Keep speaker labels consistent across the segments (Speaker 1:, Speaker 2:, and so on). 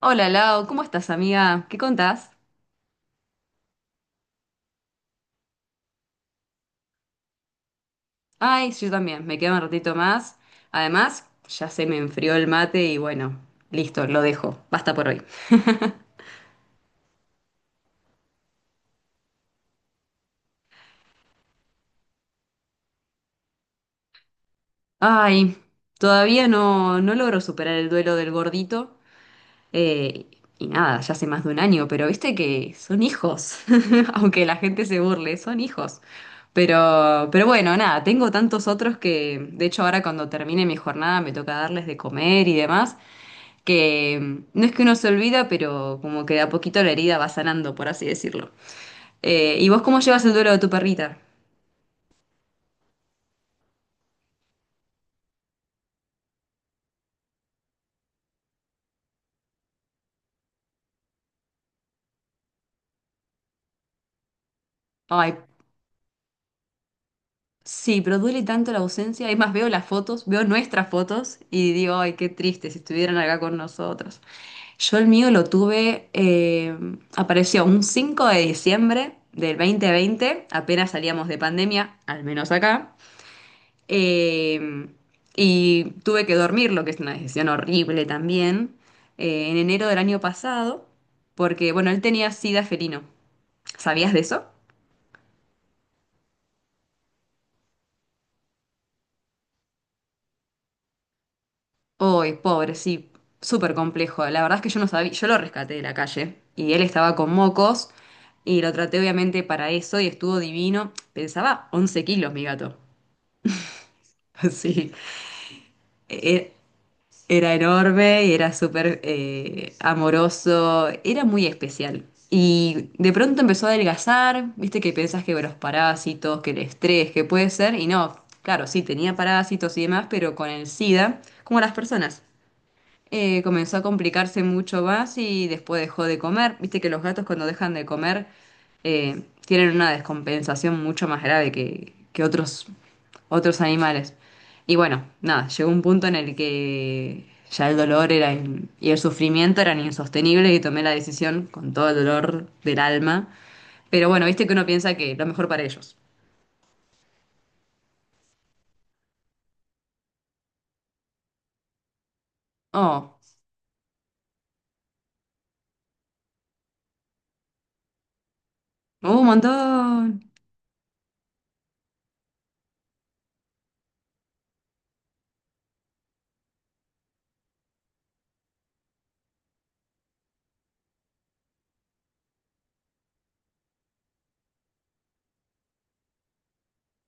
Speaker 1: Hola Lau, ¿cómo estás amiga? ¿Qué contás? Ay, sí, yo también, me queda un ratito más. Además, ya se me enfrió el mate y bueno, listo, lo dejo. Basta por hoy. Ay, todavía no logro superar el duelo del gordito. Eh, y nada, ya hace más de un año, pero viste que son hijos. Aunque la gente se burle, son hijos. Pero bueno, nada, tengo tantos otros que, de hecho, ahora cuando termine mi jornada me toca darles de comer y demás, que no es que uno se olvida, pero como que de a poquito la herida va sanando, por así decirlo. ¿Y vos cómo llevas el duelo de tu perrita? Ay, sí, pero duele tanto la ausencia. Es más, veo las fotos, veo nuestras fotos y digo, ay, qué triste si estuvieran acá con nosotros. Yo el mío lo tuve, apareció un 5 de diciembre del dos mil veinte, apenas salíamos de pandemia, al menos acá. Eh, y tuve que dormirlo, que es una decisión horrible también, en enero del año pasado, porque, bueno, él tenía sida felino. ¿Sabías de eso? Uy, pobre, sí, súper complejo. La verdad es que yo no sabía, yo lo rescaté de la calle y él estaba con mocos y lo traté obviamente para eso y estuvo divino. Pensaba 11 kilos mi gato. Sí. Eh, eh, Era enorme y era súper amoroso, era muy especial. Y de pronto empezó a adelgazar, viste que pensás que bueno, los parásitos, que el estrés, que puede ser, y no, claro, sí, tenía parásitos y demás, pero con el SIDA, como las personas, comenzó a complicarse mucho más y después dejó de comer. Viste que los gatos cuando dejan de comer tienen una descompensación mucho más grave que, otros otros animales. Y bueno, nada, llegó un punto en el que ya el dolor y el sufrimiento eran insostenibles y tomé la decisión con todo el dolor del alma. Pero bueno, viste que uno piensa que lo mejor para ellos. Oh, un montón.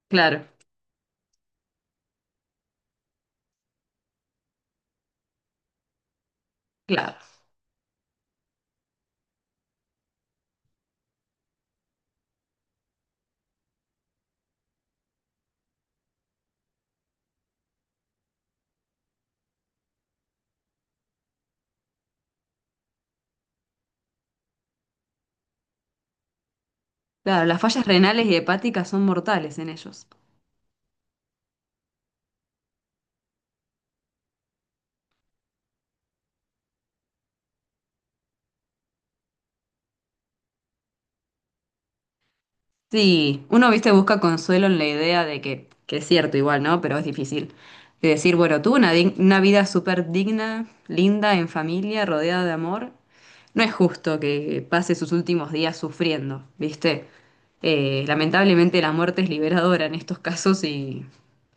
Speaker 1: Claro, claro, claro. Las fallas renales y hepáticas son mortales en ellos. Sí, uno, viste, busca consuelo en la idea de que es cierto igual, ¿no? Pero es difícil. De decir, bueno, tuve una, una vida súper digna, linda, en familia, rodeada de amor. No es justo que pase sus últimos días sufriendo, ¿viste? Lamentablemente la muerte es liberadora en estos casos y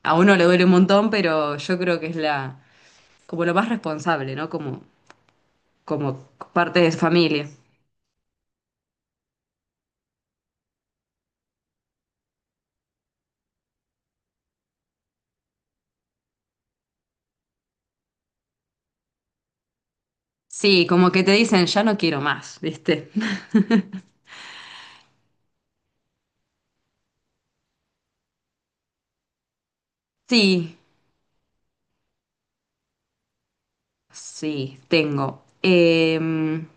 Speaker 1: a uno le duele un montón, pero yo creo que es la, como lo más responsable, ¿no? Como parte de familia. Sí, como que te dicen, ya no quiero más, ¿viste? Sí. Sí, tengo.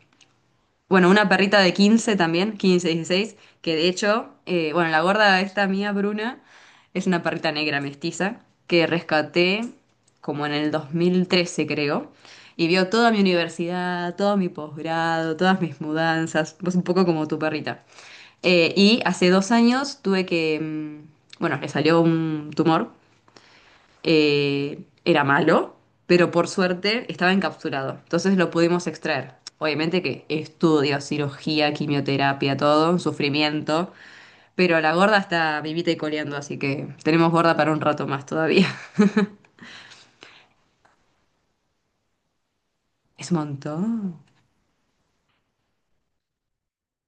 Speaker 1: Bueno, una perrita de 15 también, 15, 16, que de hecho, bueno, la gorda esta mía, Bruna, es una perrita negra mestiza que rescaté como en el dos mil trece, creo, y vio toda mi universidad, todo mi posgrado, todas mis mudanzas, pues un poco como tu perrita. Y hace dos años tuve que, bueno, le salió un tumor, era malo, pero por suerte estaba encapsulado. Entonces lo pudimos extraer. Obviamente que estudio, cirugía, quimioterapia, todo, un sufrimiento. Pero la gorda está vivita y coleando, así que tenemos gorda para un rato más todavía. Es un montón.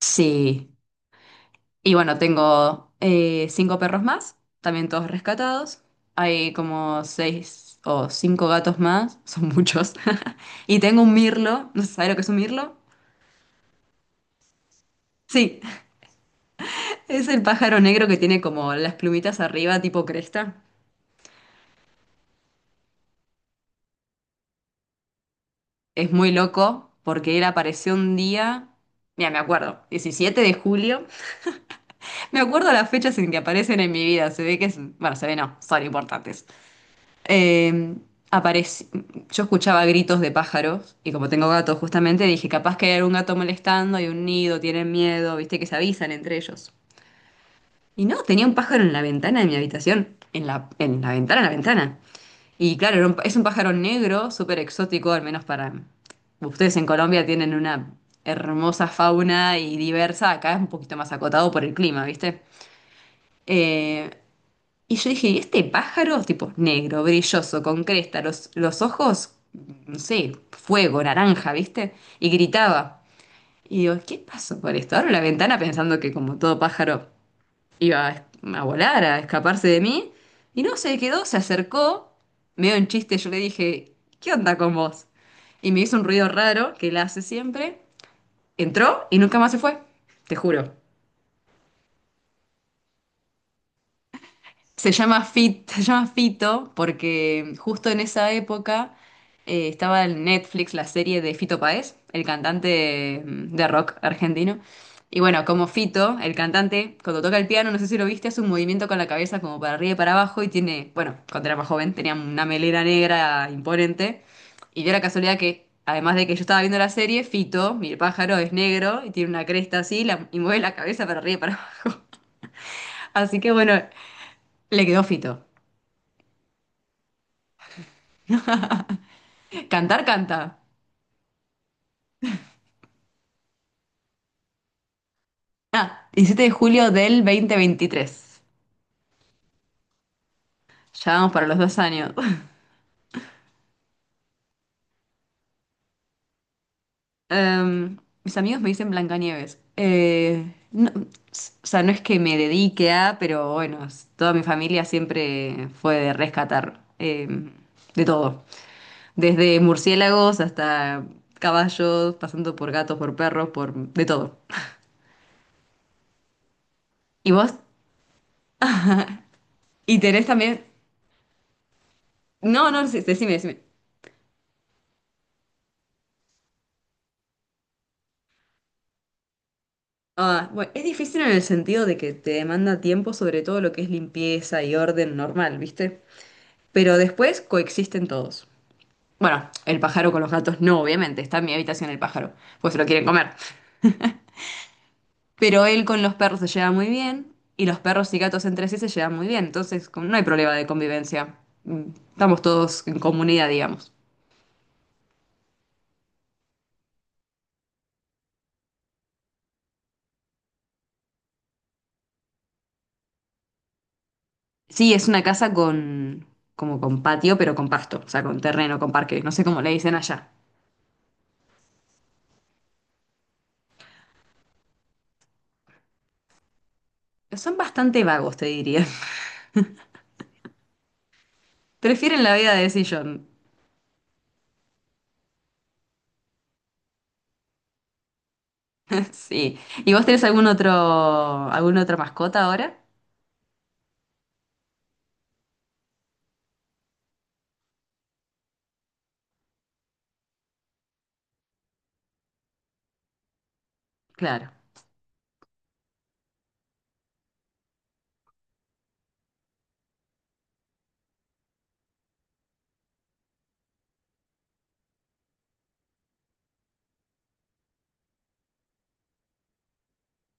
Speaker 1: Sí. Y bueno, tengo cinco perros más, también todos rescatados. Hay como seis o cinco gatos más, son muchos. Y tengo un mirlo. ¿No sabes lo que es un mirlo? Sí. Es el pájaro negro que tiene como las plumitas arriba, tipo cresta. Es muy loco porque él apareció un día, mira, me acuerdo, 17 de julio. Me acuerdo las fechas en que aparecen en mi vida. Se ve que es, bueno, se ve no, son importantes. Eh, apareci- Yo escuchaba gritos de pájaros y como tengo gatos justamente dije, capaz que hay algún gato molestando, hay un nido, tienen miedo, viste que se avisan entre ellos. Y no, tenía un pájaro en la ventana de mi habitación, en la ventana, en la ventana. Y claro, era es un pájaro negro, súper exótico, al menos para... Ustedes en Colombia tienen una hermosa fauna y diversa, acá es un poquito más acotado por el clima, ¿viste? Eh, y yo dije, este pájaro, tipo negro, brilloso, con cresta, los, ojos, no sé, fuego, naranja, ¿viste? Y gritaba. Y digo, ¿qué pasó por esto? Abro la ventana pensando que como todo pájaro iba a volar, a escaparse de mí. Y no, se quedó, se acercó, medio en chiste, yo le dije, ¿qué onda con vos? Y me hizo un ruido raro que él hace siempre. Entró y nunca más se fue, te juro. Se llama Fito porque justo en esa época estaba en Netflix la serie de Fito Páez, el cantante, de rock argentino. Y bueno, como Fito, el cantante, cuando toca el piano, no sé si lo viste, hace un movimiento con la cabeza como para arriba y para abajo y tiene, bueno, cuando era más joven tenía una melena negra imponente. Y dio la casualidad que, además de que yo estaba viendo la serie, Fito, mi pájaro, es negro y tiene una cresta así y mueve la cabeza para arriba y para abajo. Así que bueno, le quedó Fito. Cantar, canta. Ah, 17 de julio del 2023. Ya vamos para los dos años. Em, Mis amigos me dicen Blancanieves. No, o sea, no es que me dedique a, pero bueno, toda mi familia siempre fue de rescatar, de todo. Desde murciélagos hasta caballos, pasando por gatos, por perros, por de todo. ¿Y vos? ¿Y tenés también? No, no, sí, decime, decime. Ah, bueno, es difícil en el sentido de que te demanda tiempo, sobre todo lo que es limpieza y orden normal, ¿viste? Pero después coexisten todos. Bueno, el pájaro con los gatos no, obviamente, está en mi habitación el pájaro, pues se lo quieren comer. Pero él con los perros se lleva muy bien y los perros y gatos entre sí se llevan muy bien, entonces como no hay problema de convivencia. Estamos todos en comunidad, digamos. Sí, es una casa con, como con patio, pero con pasto, o sea, con terreno, con parque, no sé cómo le dicen allá. Son bastante vagos, te diría. Prefieren la vida de sillón. Sí. ¿Y vos tenés algún otro, alguna otra mascota ahora? Claro.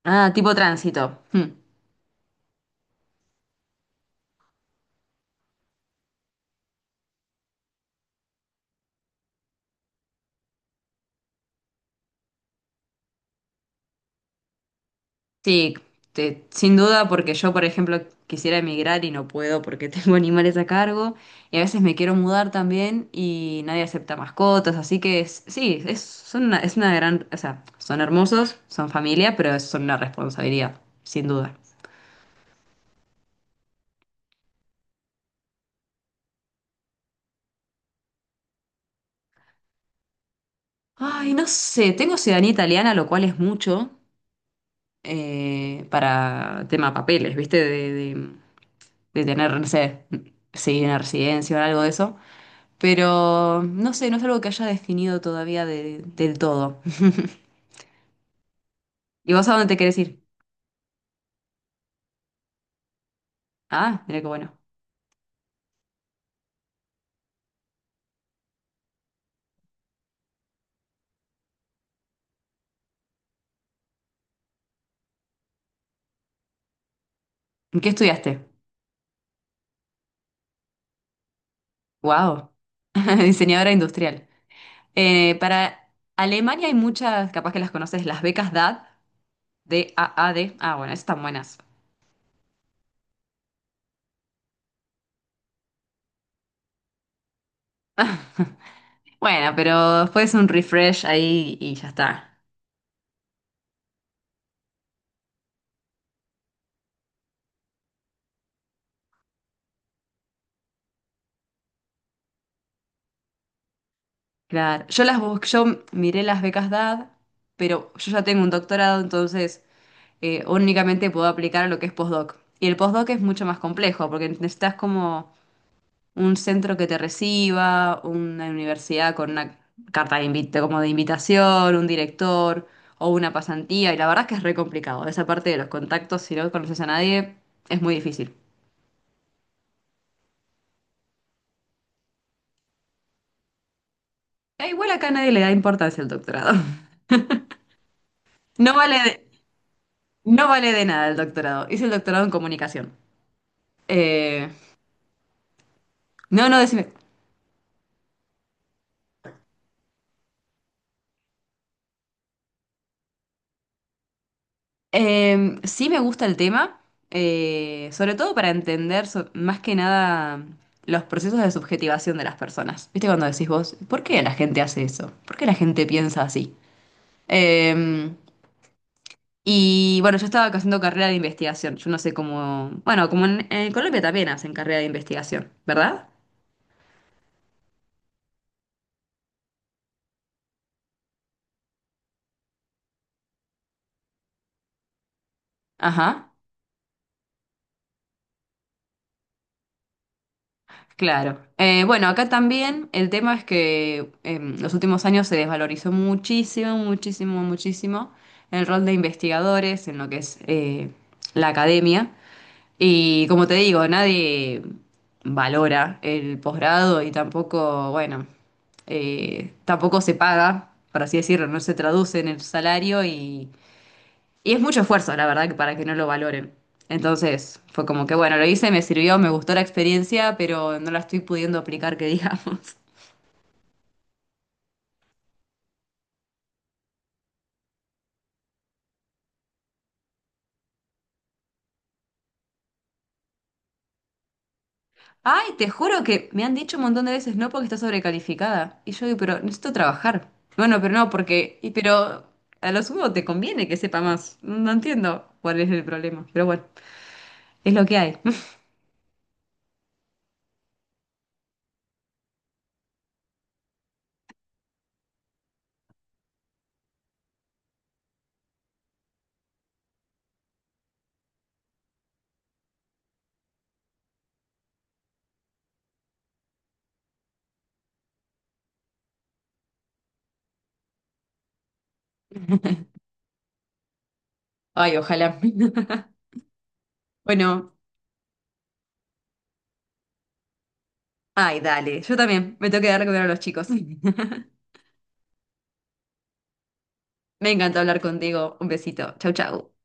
Speaker 1: Ah, tipo tránsito. Hmm. Sí, sin duda, porque yo, por ejemplo, quisiera emigrar y no puedo porque tengo animales a cargo. Y a veces me quiero mudar también y nadie acepta mascotas. Así que sí, son una, es una gran. O sea, son hermosos, son familia, pero son una responsabilidad, sin duda. Ay, no sé, tengo ciudadanía italiana, lo cual es mucho, para tema papeles, ¿viste? De tener, no sé, sí, una residencia o algo de eso. Pero no sé, no es algo que haya definido todavía del todo. ¿Y vos a dónde te querés ir? Ah, mira qué bueno. ¿Qué estudiaste? Wow, diseñadora industrial. Para Alemania hay muchas, capaz que las conoces, las becas DAD, DAAD. Ah, bueno, esas están buenas. Bueno, pero después un refresh ahí y ya está. Claro, yo miré las becas DAD, pero yo ya tengo un doctorado, entonces únicamente puedo aplicar a lo que es postdoc. Y el postdoc es mucho más complejo, porque necesitas como un centro que te reciba, una universidad con una carta de invite, como de invitación, un director o una pasantía, y la verdad es que es re complicado. Esa parte de los contactos, si no conoces a nadie, es muy difícil. E igual acá nadie le da importancia al doctorado. No vale de- no vale de nada el doctorado. Hice el doctorado en comunicación. Eh, no, no, decime. Sí, me gusta el tema, sobre todo para entender más que nada los procesos de subjetivación de las personas. ¿Viste cuando decís vos, ¿por qué la gente hace eso? ¿Por qué la gente piensa así? Eh, y bueno, yo estaba haciendo carrera de investigación. Yo no sé cómo... Bueno, como en Colombia también hacen carrera de investigación, ¿verdad? Ajá. Claro. Bueno, acá también el tema es que en los últimos años se desvalorizó muchísimo, muchísimo, muchísimo el rol de investigadores en lo que es, la academia. Y como te digo, nadie valora el posgrado y tampoco, bueno, tampoco se paga, por así decirlo, no se traduce en el salario, y es mucho esfuerzo, la verdad, que para que no lo valoren. Entonces, fue como que, bueno, lo hice, me sirvió, me gustó la experiencia, pero no la estoy pudiendo aplicar, que digamos. Ay, te juro que me han dicho un montón de veces, no, porque está sobrecalificada. Y yo digo, pero necesito trabajar. Bueno, pero no, porque, y, pero a lo sumo te conviene que sepa más. No entiendo cuál es el problema, pero bueno, es lo que hay. Ay, ojalá. Bueno, ay, dale, yo también me tengo que dar de comer a los chicos. Me encantó hablar contigo. Un besito. Chau, chau.